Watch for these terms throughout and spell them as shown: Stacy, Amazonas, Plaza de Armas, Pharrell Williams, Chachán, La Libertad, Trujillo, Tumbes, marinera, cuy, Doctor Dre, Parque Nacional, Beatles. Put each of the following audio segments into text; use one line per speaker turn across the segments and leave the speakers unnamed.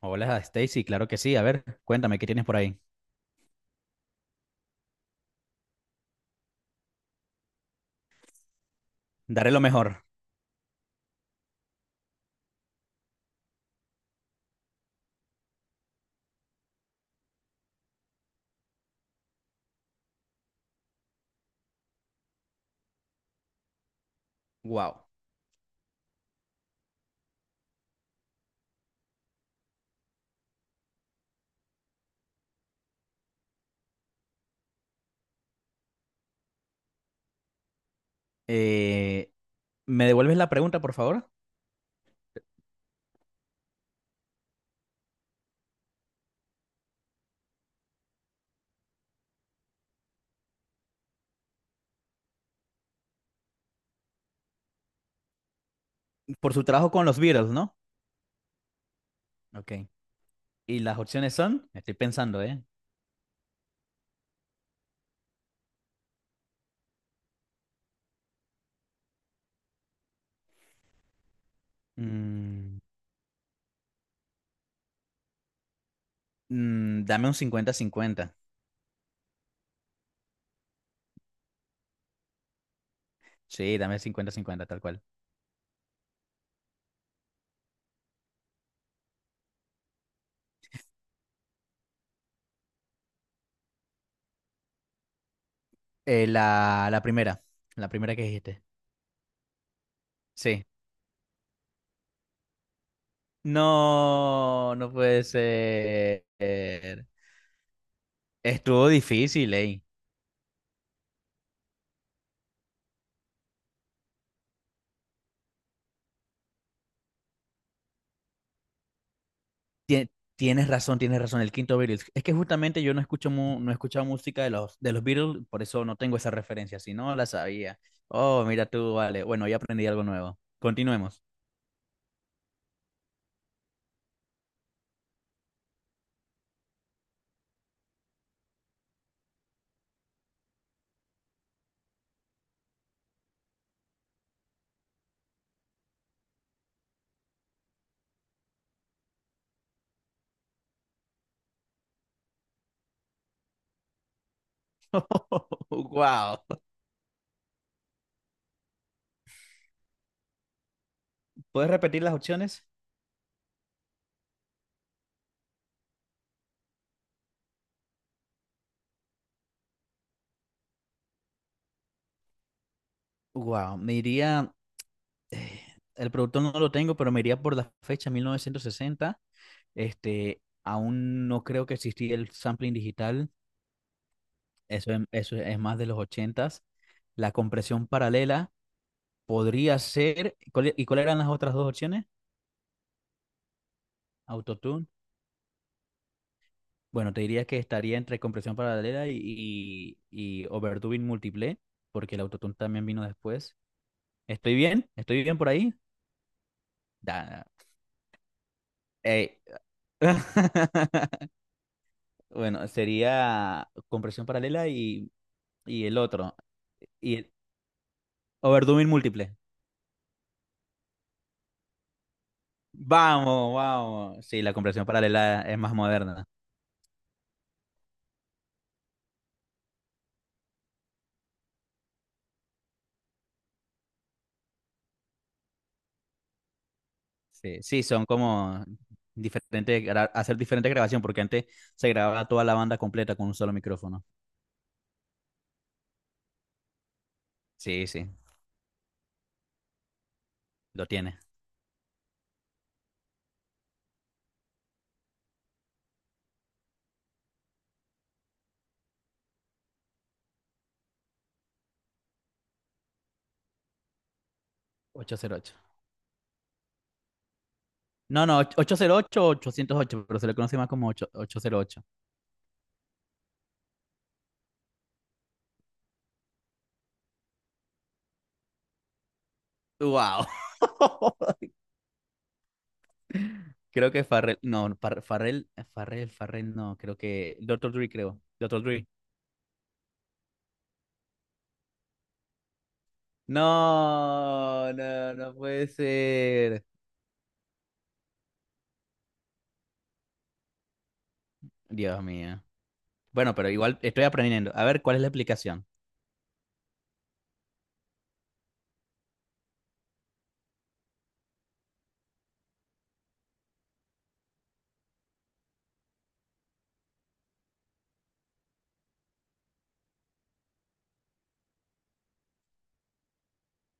Hola, Stacy, claro que sí. A ver, cuéntame, ¿qué tienes por ahí? Daré lo mejor. Wow. Eh, ¿me devuelves la pregunta, por favor? Por su trabajo con los Beatles, ¿no? Ok. ¿Y las opciones son? Estoy pensando, ¿eh? Mm, dame un 50-50. Sí, dame 50-50, tal cual. Eh, la, la primera, la primera que dijiste. Sí. No, no puede ser. Estuvo difícil, ¿eh? Tie- tienes razón, el quinto Beatles. Es que justamente yo no escucho no he escuchado música de los Beatles, por eso no tengo esa referencia, si no la sabía. Oh, mira tú, vale. Bueno, ya aprendí algo nuevo. Continuemos. Wow. ¿Puedes repetir las opciones? Wow, me iría, eh, el productor no lo tengo, pero me iría por la fecha 1960. Este, aún no creo que existía el sampling digital, eso es más de los ochentas. La compresión paralela podría ser. ¿Y cuáles eran las otras dos opciones? Autotune. Bueno, te diría que estaría entre compresión paralela y overdubbing múltiple, porque el autotune también vino después. ¿Estoy bien? ¿Estoy bien por ahí? Da- eh. Bueno, sería compresión paralela y el otro. Y el overdubbing múltiple. Vamos, vamos. Sí, la compresión paralela es más moderna. Sí, sí, son como diferentes, hacer diferentes grabaciones, porque antes se grababa toda la banda completa con un solo micrófono. Sí, sí, lo tiene. Ochocientos ocho. No, no, 808, o 808, pero se le conoce más como 808. ¡Wow! Creo que Farrell, no, Farrell, Farrell, Farrell, no, creo que Doctor Dre, creo. Doctor Dre. No, no, no puede ser. Dios mío. Bueno, pero igual estoy aprendiendo. A ver, ¿cuál es la explicación?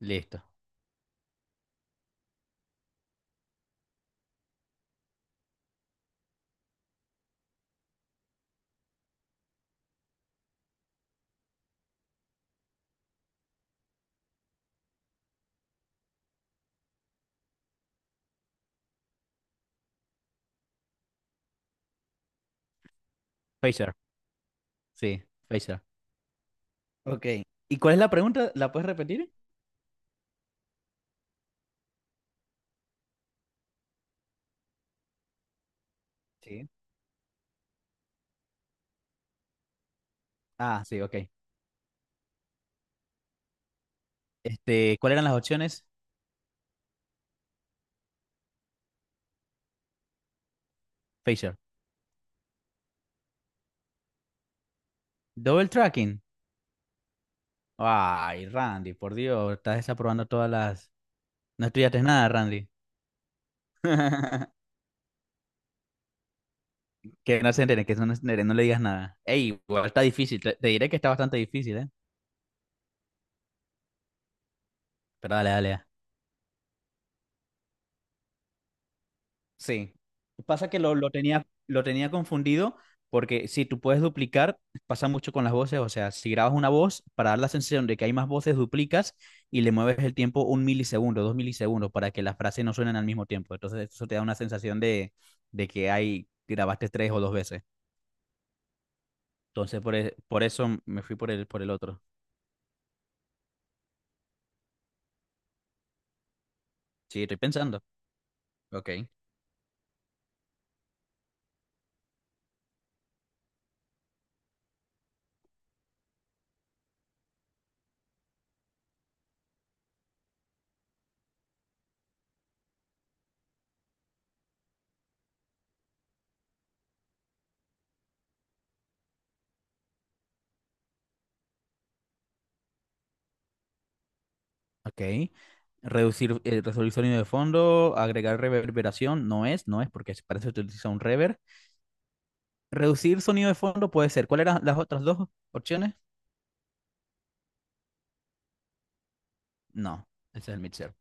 Listo. Phaser. Sí, fecha. Ok. ¿Y cuál es la pregunta? ¿La puedes repetir? Sí. Ah, sí, ok. Este, ¿cuáles eran las opciones? Facial. Double tracking. Ay, Randy, por Dios, estás desaprobando todas las... No estudiaste nada, Randy. Que no se entere, que no se entere, no le digas nada. Ey, igual está difícil, te diré que está bastante difícil, ¿eh? Pero dale, dale. Sí. Pasa que lo tenía confundido porque si tú puedes duplicar, pasa mucho con las voces. O sea, si grabas una voz, para dar la sensación de que hay más voces, duplicas y le mueves el tiempo un milisegundo, dos milisegundos, para que las frases no suenen al mismo tiempo. Entonces, eso te da una sensación de que hay, grabaste tres o dos veces. Entonces, por eso me fui por el otro. Sí, estoy pensando. Ok. Ok. Reducir, resolver sonido de fondo, agregar reverberación, no es, no es, porque para eso se utiliza un reverb. Reducir sonido de fondo puede ser. ¿Cuáles eran las otras dos opciones? No, ese es el mixer.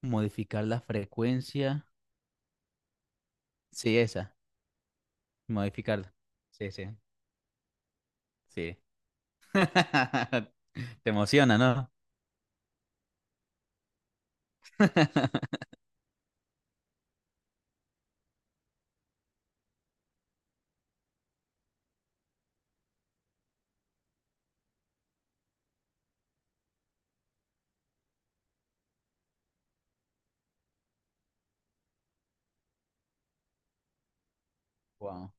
Modificar la frecuencia. Sí, esa. Modificarla. Sí, sí, sí. Te emociona, ¿no? Wow.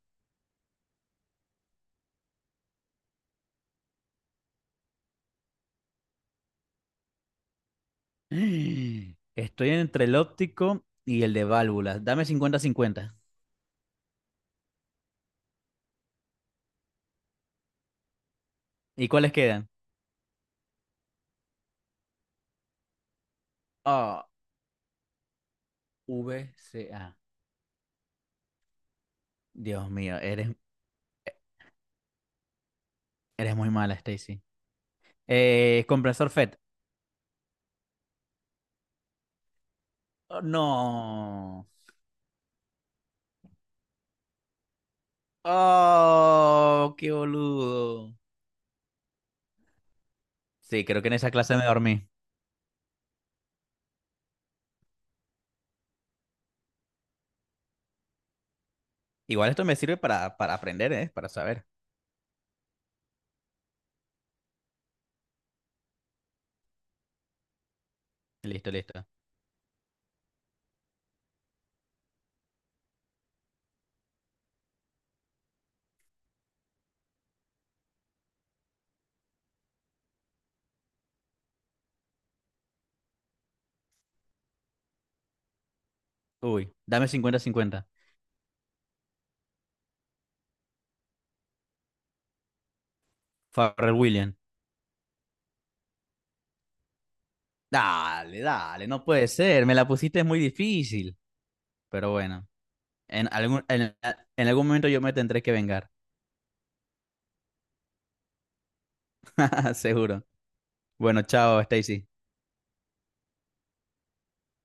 Estoy entre el óptico y el de válvulas. Dame cincuenta-cincuenta. ¿Y cuáles quedan? Ah, V C A. Dios mío, eres muy mala, Stacy. Compresor FET. Oh, no. Oh, qué boludo. Sí, creo que en esa clase me dormí. Igual esto me sirve para aprender, ¿eh? Para saber. Listo, listo. Uy, dame cincuenta, cincuenta. Pharrell Williams. Dale, dale, no puede ser. Me la pusiste muy difícil. Pero bueno, en algún, en, en algún momento yo me tendré que vengar. Seguro. Bueno, chao, Stacy.